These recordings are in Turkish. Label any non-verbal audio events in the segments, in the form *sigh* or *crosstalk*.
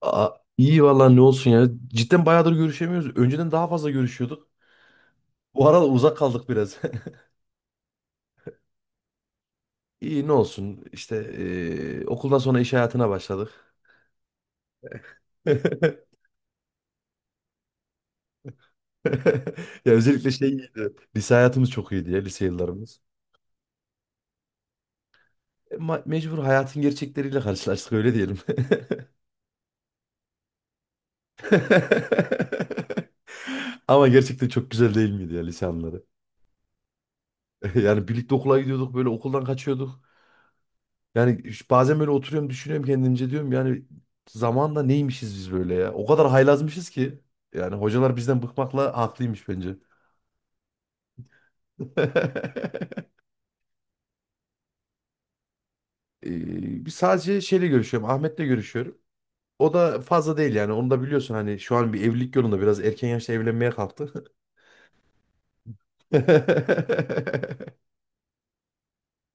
Aa, iyi vallahi ne olsun ya. Cidden bayağıdır görüşemiyoruz. Önceden daha fazla görüşüyorduk. Bu arada uzak kaldık biraz. *laughs* İyi ne olsun. İşte okuldan sonra iş hayatına başladık. *laughs* Ya özellikle şey iyiydi. Lise hayatımız çok iyiydi ya lise yıllarımız. Mecbur hayatın gerçekleriyle karşılaştık öyle diyelim. *laughs* Ama gerçekten çok güzel değil miydi ya lise anları? *laughs* Yani birlikte okula gidiyorduk böyle okuldan kaçıyorduk. Bazen böyle oturuyorum düşünüyorum kendimce diyorum yani zamanda neymişiz biz böyle ya. O kadar haylazmışız ki yani hocalar bizden bıkmakla haklıymış bence. *laughs* Bir sadece görüşüyorum Ahmet'le görüşüyorum. O da fazla değil yani onu da biliyorsun hani şu an bir evlilik yolunda biraz erken yaşta evlenmeye kalktı. *laughs*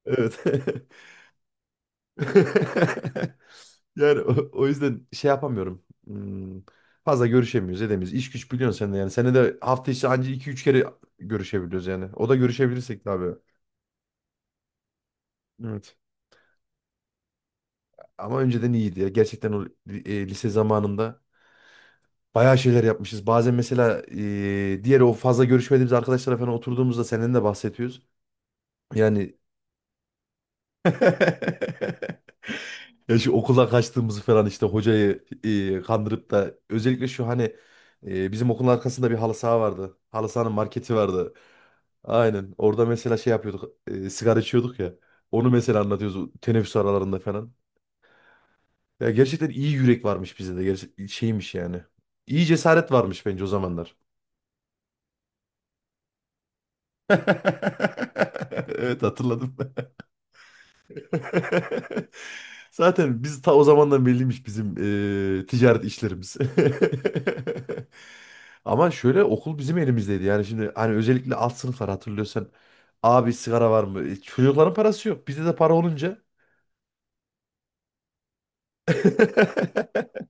Evet. *laughs* *laughs* Yani o yüzden şey yapamıyorum. Hmm, fazla görüşemiyoruz, edemiyoruz. İş güç biliyorsun sen de yani. Senede de hafta içi anca iki üç kere görüşebiliyoruz yani. O da görüşebilirsek de abi. Evet. Ama önceden iyiydi ya. Gerçekten lise zamanında bayağı şeyler yapmışız. Bazen mesela diğer o fazla görüşmediğimiz arkadaşlara falan oturduğumuzda senden de bahsediyoruz. Yani *laughs* ya şu okula kaçtığımızı falan işte hocayı kandırıp da özellikle şu hani bizim okulun arkasında bir halı saha vardı. Halı sahanın marketi vardı. Aynen. Orada mesela şey yapıyorduk. Sigara içiyorduk ya. Onu mesela anlatıyoruz teneffüs aralarında falan. Ya gerçekten iyi yürek varmış bizde de. Gerçek şeymiş yani. İyi cesaret varmış bence o zamanlar. *laughs* Evet, hatırladım. *laughs* Zaten biz ta o zamandan belliymiş bizim ticaret işlerimiz. *laughs* Ama şöyle okul bizim elimizdeydi. Yani şimdi hani özellikle alt sınıflar hatırlıyorsan abi sigara var mı? E, çocukların parası yok. Bizde de para olunca. *laughs*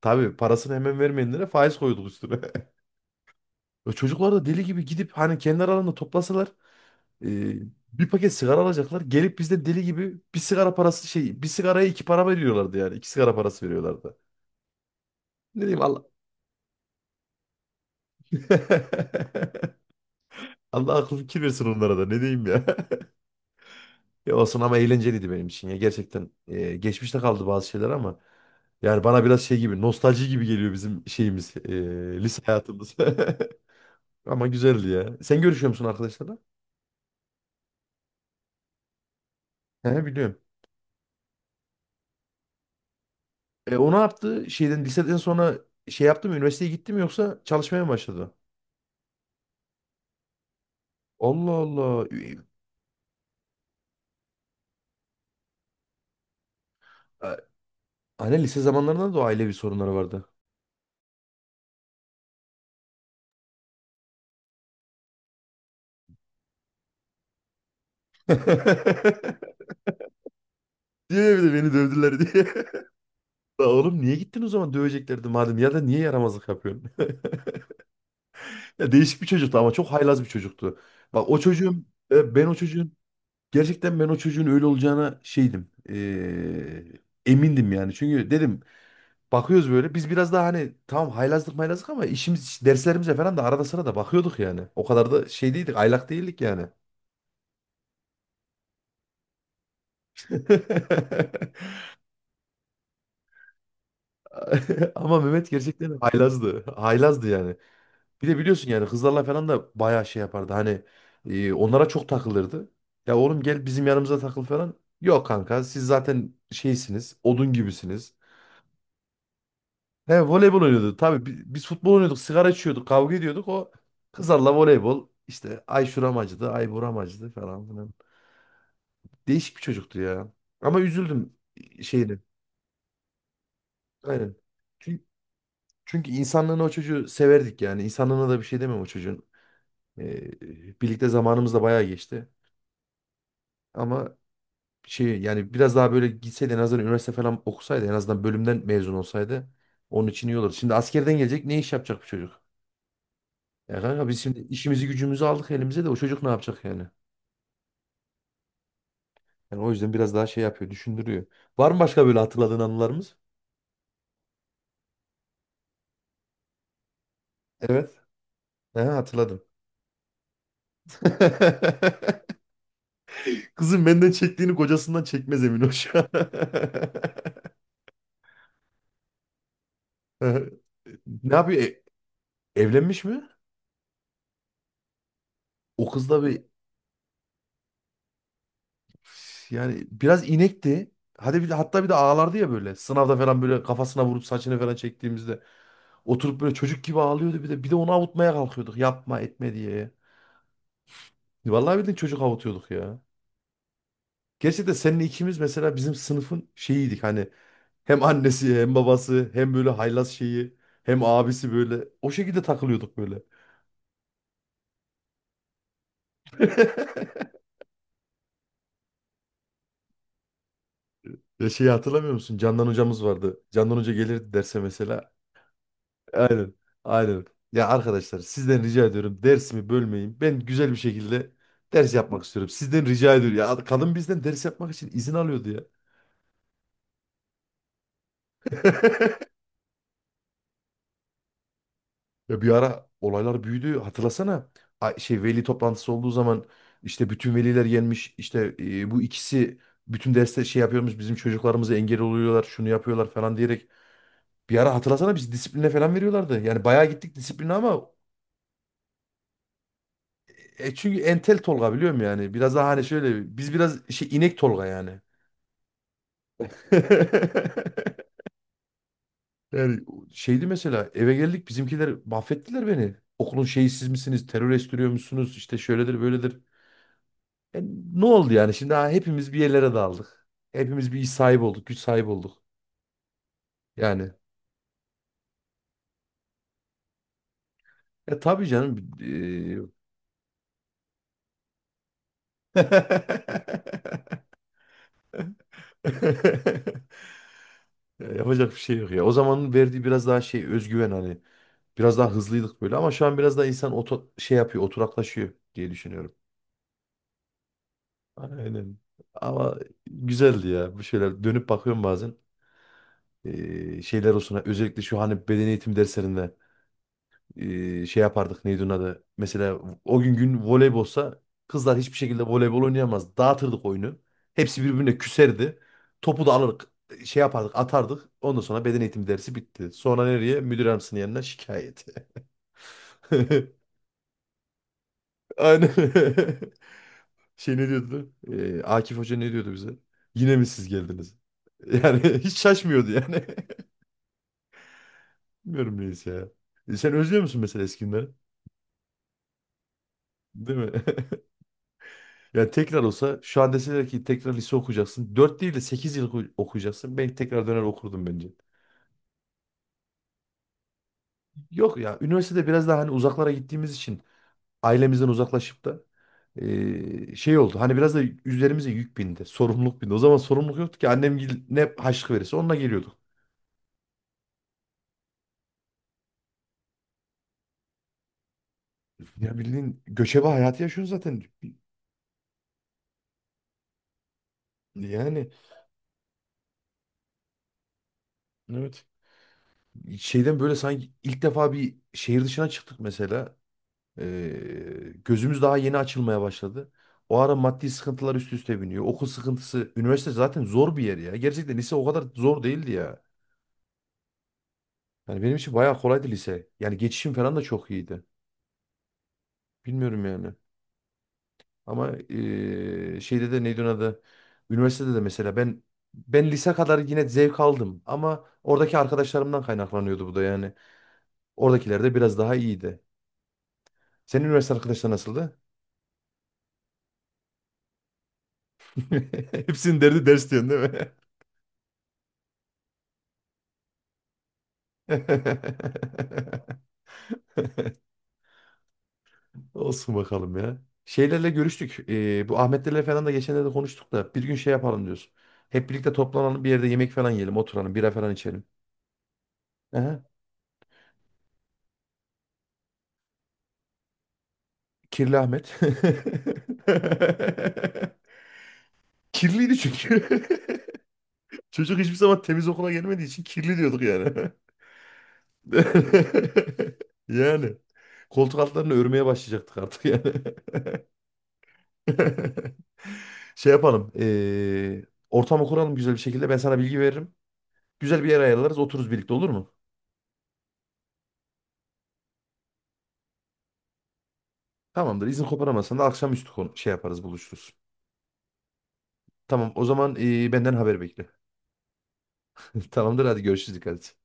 Tabii parasını hemen vermeyenlere faiz koyduk üstüne. *laughs* Çocuklar da deli gibi gidip hani kendi aralarında toplasalar e, bir paket sigara alacaklar. Gelip bizden deli gibi bir sigara parası şey bir sigaraya iki para veriyorlardı yani. İki sigara parası veriyorlardı. Ne diyeyim Allah. *laughs* Allah akıl fikir versin onlara da ne diyeyim ya. Ya olsun ama eğlenceliydi benim için ya. Gerçekten geçmişte kaldı bazı şeyler ama yani bana biraz şey gibi nostalji gibi geliyor bizim şeyimiz lise hayatımız. *laughs* Ama güzeldi ya. Sen görüşüyor musun arkadaşlarla? He biliyorum. E, o ne yaptı? Şeyden liseden sonra şey yaptı mı? Üniversiteye gitti mi yoksa çalışmaya mı başladı? Allah Allah. A- Anne lise zamanlarında da o ailevi sorunları vardı. *laughs* Diyor ya bir de beni dövdüler diye. *laughs* La oğlum niye gittin o zaman döveceklerdi madem ya da niye yaramazlık yapıyorsun? Ya değişik bir çocuktu ama çok haylaz bir çocuktu. Bak ben o çocuğun öyle olacağına şeydim. Emindim yani. Çünkü dedim bakıyoruz böyle biz biraz daha hani tamam haylazlık maylazlık ama işimiz derslerimize falan da arada sırada bakıyorduk yani. O kadar da şey değildik aylak değildik yani. *laughs* Ama Mehmet gerçekten haylazdı. Haylazdı yani. Bir de biliyorsun yani kızlarla falan da bayağı şey yapardı. Hani onlara çok takılırdı. Ya oğlum gel bizim yanımıza takıl falan. Yok kanka siz zaten şeysiniz. Odun gibisiniz. He voleybol oynuyordu. Tabii biz futbol oynuyorduk. Sigara içiyorduk. Kavga ediyorduk. O kızlarla voleybol. İşte ay şuram acıdı. Ay buram acıdı falan filan. Değişik bir çocuktu ya. Ama üzüldüm şeyini. Aynen. Çünkü, Çünkü insanlığını o çocuğu severdik yani. İnsanlığına da bir şey demem o çocuğun. E, birlikte zamanımız da bayağı geçti. Ama şey yani biraz daha böyle gitseydi en azından üniversite falan okusaydı en azından bölümden mezun olsaydı onun için iyi olur. Şimdi askerden gelecek ne iş yapacak bu çocuk? Ya kanka biz şimdi işimizi gücümüzü aldık elimize de o çocuk ne yapacak yani? Yani o yüzden biraz daha şey yapıyor, düşündürüyor. Var mı başka böyle hatırladığın anılarımız? Evet. He, hatırladım. *laughs* Kızım benden çektiğini kocasından çekmez emin ol şu an. *laughs* Ne yapıyor? Evlenmiş mi? O kızla bir yani biraz inekti. Hadi bir de ağlardı ya böyle. Sınavda falan böyle kafasına vurup saçını falan çektiğimizde oturup böyle çocuk gibi ağlıyordu bir de. Bir de onu avutmaya kalkıyorduk. Yapma etme diye. Vallahi bildiğin çocuk avutuyorduk ya. Gerçi de seninle ikimiz mesela bizim sınıfın şeyiydik hani hem annesi hem babası hem böyle haylaz şeyi hem abisi böyle o şekilde takılıyorduk böyle. *laughs* Ya şeyi hatırlamıyor musun? Candan hocamız vardı. Candan hoca gelirdi derse mesela. Aynen. Aynen. Ya arkadaşlar sizden rica ediyorum dersimi bölmeyin. Ben güzel bir şekilde ders yapmak istiyorum. Sizden rica ediyorum. Ya kadın bizden ders yapmak için izin alıyordu ya. *laughs* Ya bir ara olaylar büyüdü. Hatırlasana. Veli toplantısı olduğu zaman işte bütün veliler gelmiş. İşte bu ikisi bütün derste şey yapıyormuş. Bizim çocuklarımıza engel oluyorlar. Şunu yapıyorlar falan diyerek. Bir ara hatırlasana biz disipline falan veriyorlardı. Yani bayağı gittik disipline ama çünkü entel Tolga biliyorum yani. Biraz daha hani şöyle biz biraz şey inek Tolga yani. *laughs* Yani şeydi mesela eve geldik bizimkiler mahvettiler beni. Okulun şeyi siz misiniz? Terör estiriyor musunuz? İşte şöyledir böyledir. E, ne oldu yani? Şimdi ha, hepimiz bir yerlere daldık. Hepimiz bir iş sahibi olduk. Güç sahibi olduk. Yani. E tabii canım. *laughs* Ya yapacak bir şey yok ya. O zamanın verdiği biraz daha şey özgüven hani. Biraz daha hızlıydık böyle ama şu an biraz daha şey yapıyor, oturaklaşıyor diye düşünüyorum. Aynen. Ama güzeldi ya. Bu şeyler dönüp bakıyorum bazen. Şeyler olsun. Özellikle şu hani beden eğitim derslerinde şey yapardık neydi onun adı. Mesela o gün voleybolsa kızlar hiçbir şekilde voleybol oynayamaz. Dağıtırdık oyunu. Hepsi birbirine küserdi. Topu da alırdık. Şey yapardık atardık. Ondan sonra beden eğitim dersi bitti. Sonra nereye? Müdür yardımcısının yanına şikayet. *laughs* Aynen. *laughs* Şey ne diyordu? Akif Hoca ne diyordu bize? Yine mi siz geldiniz? Yani *laughs* hiç şaşmıyordu yani. *laughs* Bilmiyorum neyse ya. E, sen özlüyor musun mesela eski günleri? Değil mi? *laughs* Yani tekrar olsa şu an deseler ki tekrar lise okuyacaksın, 4 değil de 8 yıl okuyacaksın, ben tekrar döner okurdum bence. Yok ya üniversitede biraz daha hani uzaklara gittiğimiz için ailemizden uzaklaşıp da şey oldu. Hani biraz da üzerimize yük bindi. Sorumluluk bindi. O zaman sorumluluk yoktu ki ne harçlık verirse onunla geliyorduk. Ya bildiğin göçebe hayatı yaşıyorsun zaten. Yani evet. Şeyden böyle sanki ilk defa bir şehir dışına çıktık mesela. Gözümüz daha yeni açılmaya başladı. O ara maddi sıkıntılar üst üste biniyor. Okul sıkıntısı. Üniversite zaten zor bir yer ya. Gerçekten lise o kadar zor değildi ya. Yani benim için bayağı kolaydı lise. Yani geçişim falan da çok iyiydi. Bilmiyorum yani. Ama şeyde de neydi onun adı? Üniversitede de mesela ben lise kadar yine zevk aldım ama oradaki arkadaşlarımdan kaynaklanıyordu bu da yani. Oradakiler de biraz daha iyiydi. Senin üniversite arkadaşlar nasıldı? *laughs* Hepsinin derdi ders diyorsun değil mi? *laughs* Olsun bakalım ya. Şeylerle görüştük. Bu Ahmetlerle falan da geçenlerde konuştuk da bir gün şey yapalım diyoruz. Hep birlikte toplanalım bir yerde yemek falan yiyelim, oturalım, bira falan içelim. Aha. Kirli Ahmet. *laughs* Kirliydi çünkü. *laughs* Çocuk hiçbir zaman temiz okula gelmediği için kirli diyorduk yani. *laughs* Yani. Koltuk altlarını örmeye başlayacaktık artık yani. *laughs* Şey yapalım. Ortamı kuralım güzel bir şekilde. Ben sana bilgi veririm. Güzel bir yer ayarlarız. Otururuz birlikte olur mu? Tamamdır. İzin koparamazsan da akşamüstü konu şey yaparız buluşuruz. Tamam o zaman benden haber bekle. *laughs* Tamamdır hadi görüşürüz dikkat et.